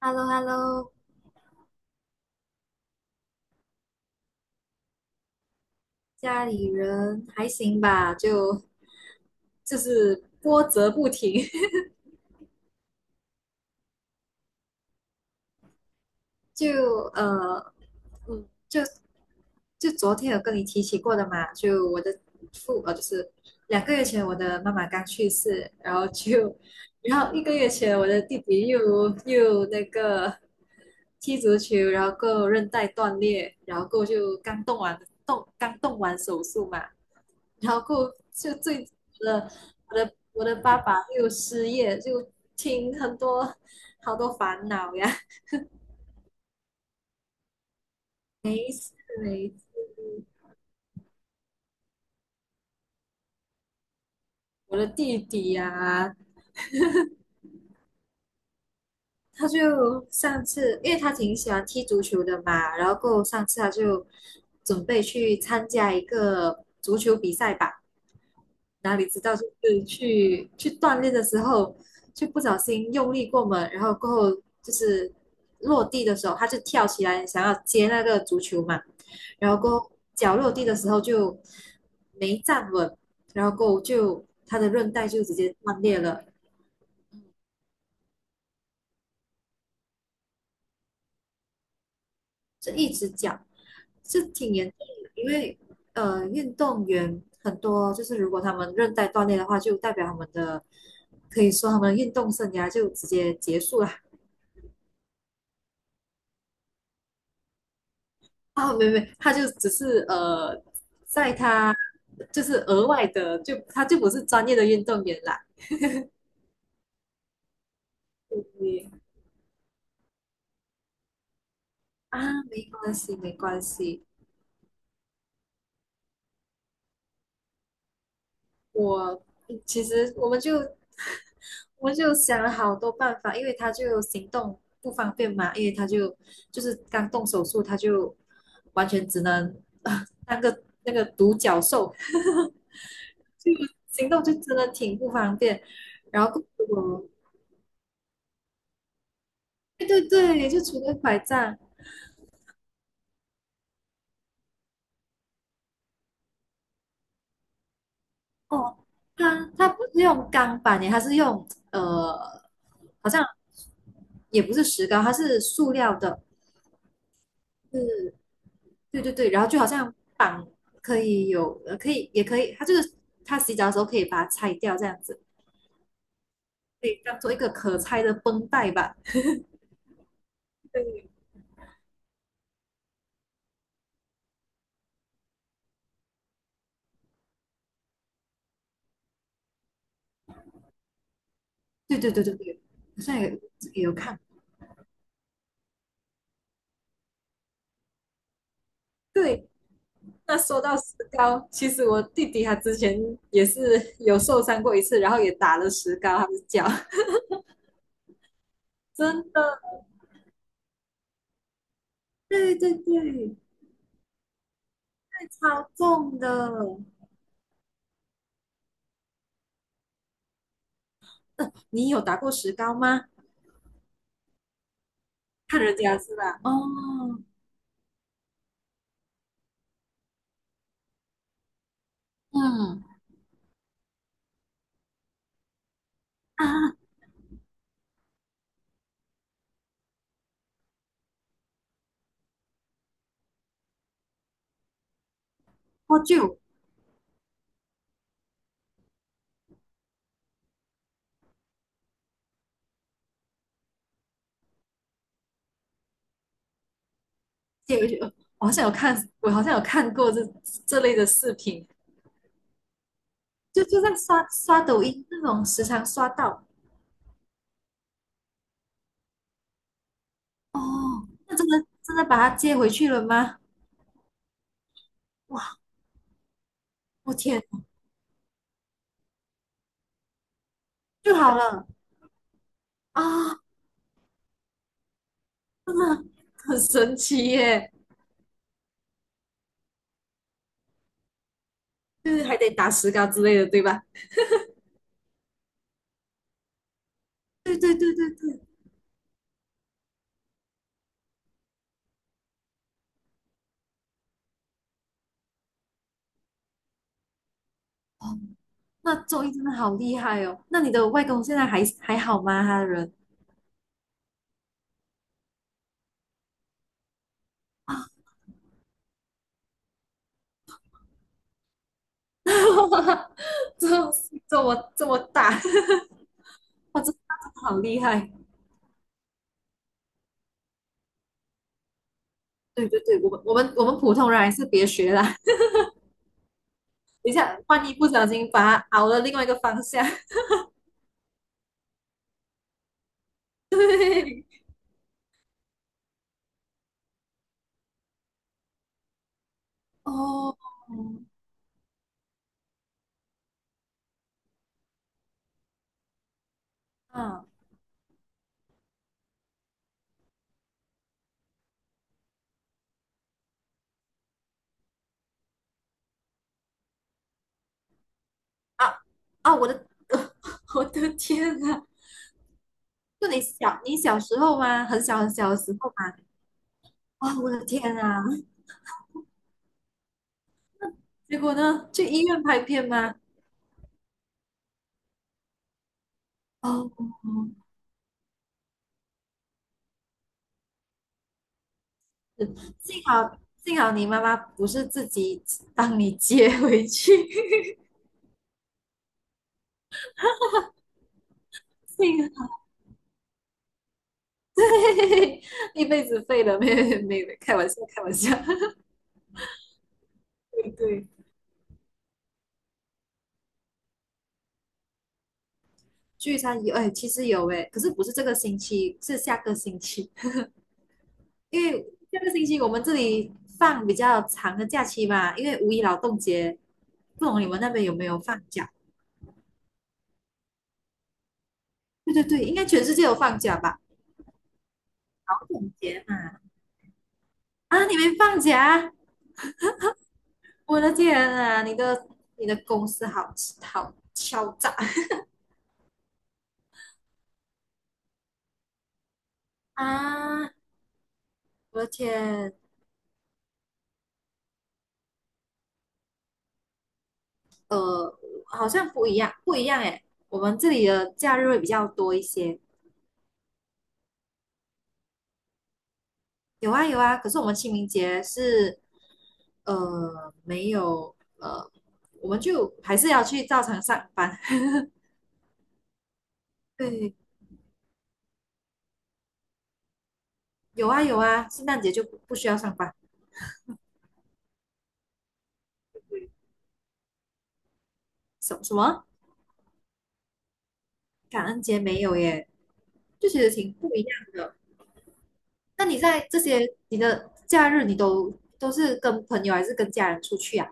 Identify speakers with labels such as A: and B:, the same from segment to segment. A: h e l l o, h e l l o。 家里人还行吧？就是波折不停，就呃嗯，就就昨天有跟你提起过的嘛，就我的父呃就是2个月前我的妈妈刚去世，然后就 然后1个月前我的弟弟又那个踢足球，然后够韧带断裂，然后够就刚动完手术嘛，然后就最我的我的我的爸爸又失业，就听很多好多烦恼呀，没事没事。我的弟弟呀，他就上次因为他挺喜欢踢足球的嘛，然后过后上次他就准备去参加一个足球比赛吧。哪里知道就是去锻炼的时候，就不小心用力过猛，然后过后就是落地的时候，他就跳起来想要接那个足球嘛，然后过后脚落地的时候就没站稳，然后过后就他的韧带就直接断裂了，这一只脚是挺严重的，因为运动员很多就是如果他们韧带断裂的话，就代表他们的可以说他们运动生涯就直接结束了。啊，没，他就只是在他就是额外的，就他就不是专业的运动员啦。对对？啊，没关系，没关系。我其实我们就想了好多办法，因为他就行动不方便嘛，因为他就是刚动手术，他就完全只能啊 当个那个独角兽，就行动就真的挺不方便。然后我，对对对，就除了拐杖。哦，它不是用钢板耶，它是用呃，好像也不是石膏，它是塑料的，是，对对对，然后就好像可以有，可以也可以，它就是它洗澡的时候可以把它拆掉，这样子可以当做一个可拆的绷带吧。对对对对对对，好像也有看，对。那说到石膏，其实我弟弟他之前也是有受伤过一次，然后也打了石膏，他的脚，真的，对对对，超重的。你有打过石膏吗？看人家是吧？哦，嗯啊，我就就我好像有看过这类的视频，就在刷刷抖音那种，时常刷到。哦，那真的真的把它接回去了吗？哇，我天，就好了啊，真的很神奇耶！就是还得打石膏之类的，对吧？对对对对对，哦，那周一真的好厉害哦！那你的外公现在还好吗？他的人啊，这这么大，哇，这大真的好厉害！对对对，我们普通人还是别学啦，等一下万一不小心把他熬了另外一个方向。对，哦，嗯啊啊，我的 我的天啊！就你小时候吗？很小很小的时候吗？啊，我的天啊！结果呢？去医院拍片吗？哦，幸好幸好你妈妈不是自己帮你接回去，幸好 一辈子废了，没有没有，开玩笑开玩笑，对对。聚餐有哎，其实有哎，可是不是这个星期，是下个星期，因为下个星期我们这里放比较长的假期嘛，因为五一劳动节，不懂你们那边有没有放假？对对对，应该全世界有放假吧？劳动节嘛，啊，你们放假？我的天啊，你的公司好好敲诈 啊！我的天，呃，好像不一样，不一样诶。我们这里的假日会比较多一些，有啊有啊。可是我们清明节是没有我们就还是要去照常上班。对，有啊有啊，圣诞节就不需要上班。什么？感恩节没有耶，就觉得挺不一样的。那你在这些你的假日，你都是跟朋友还是跟家人出去啊？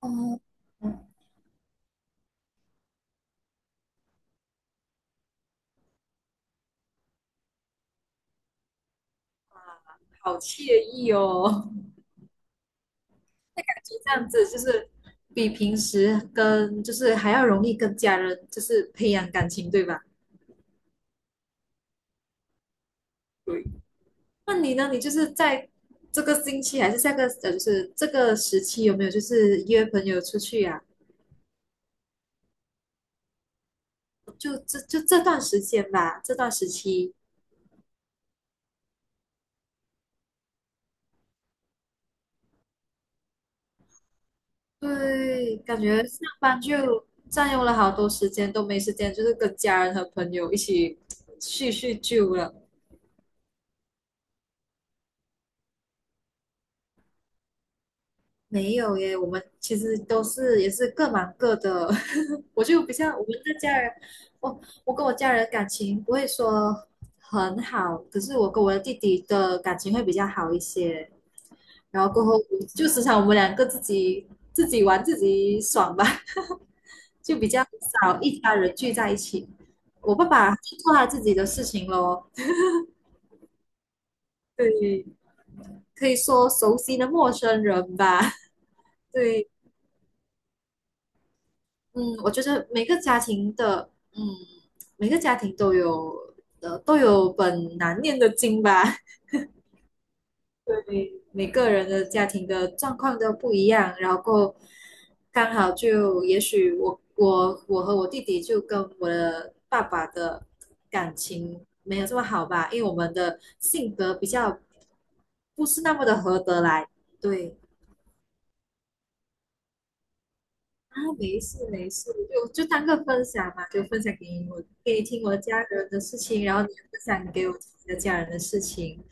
A: 哦，嗯好惬意哦，感觉这样子就是比平时跟就是还要容易跟家人就是培养感情，对吧？那你呢？你就是在这个星期还是就是这个时期有没有就是约朋友出去啊？就这段时间吧，这段时期对，感觉上班就占用了好多时间，都没时间，就是跟家人和朋友一起叙叙旧了。没有耶，我们其实都是也是各忙各的。我就不像我们的家人，我跟我家人感情不会说很好，可是我跟我的弟弟的感情会比较好一些。然后过后就时常我们两个自己玩自己爽吧。就比较少一家人聚在一起。我爸爸就做他自己的事情咯，对，可以说熟悉的陌生人吧。对，嗯，我觉得每个家庭的，每个家庭都有本难念的经吧。对，每个人的家庭的状况都不一样，然后刚好就也许我和我弟弟就跟我的爸爸的感情没有这么好吧，因为我们的性格比较不是那么的合得来。对啊，没事没事，就当个分享嘛，就分享给你我给你听我家人的事情，然后你也分享给我听你的家人的事情，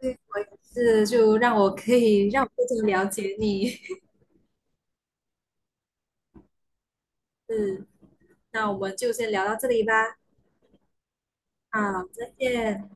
A: 对，是就让我更了解你，嗯。那我们就先聊到这里吧。好，再见。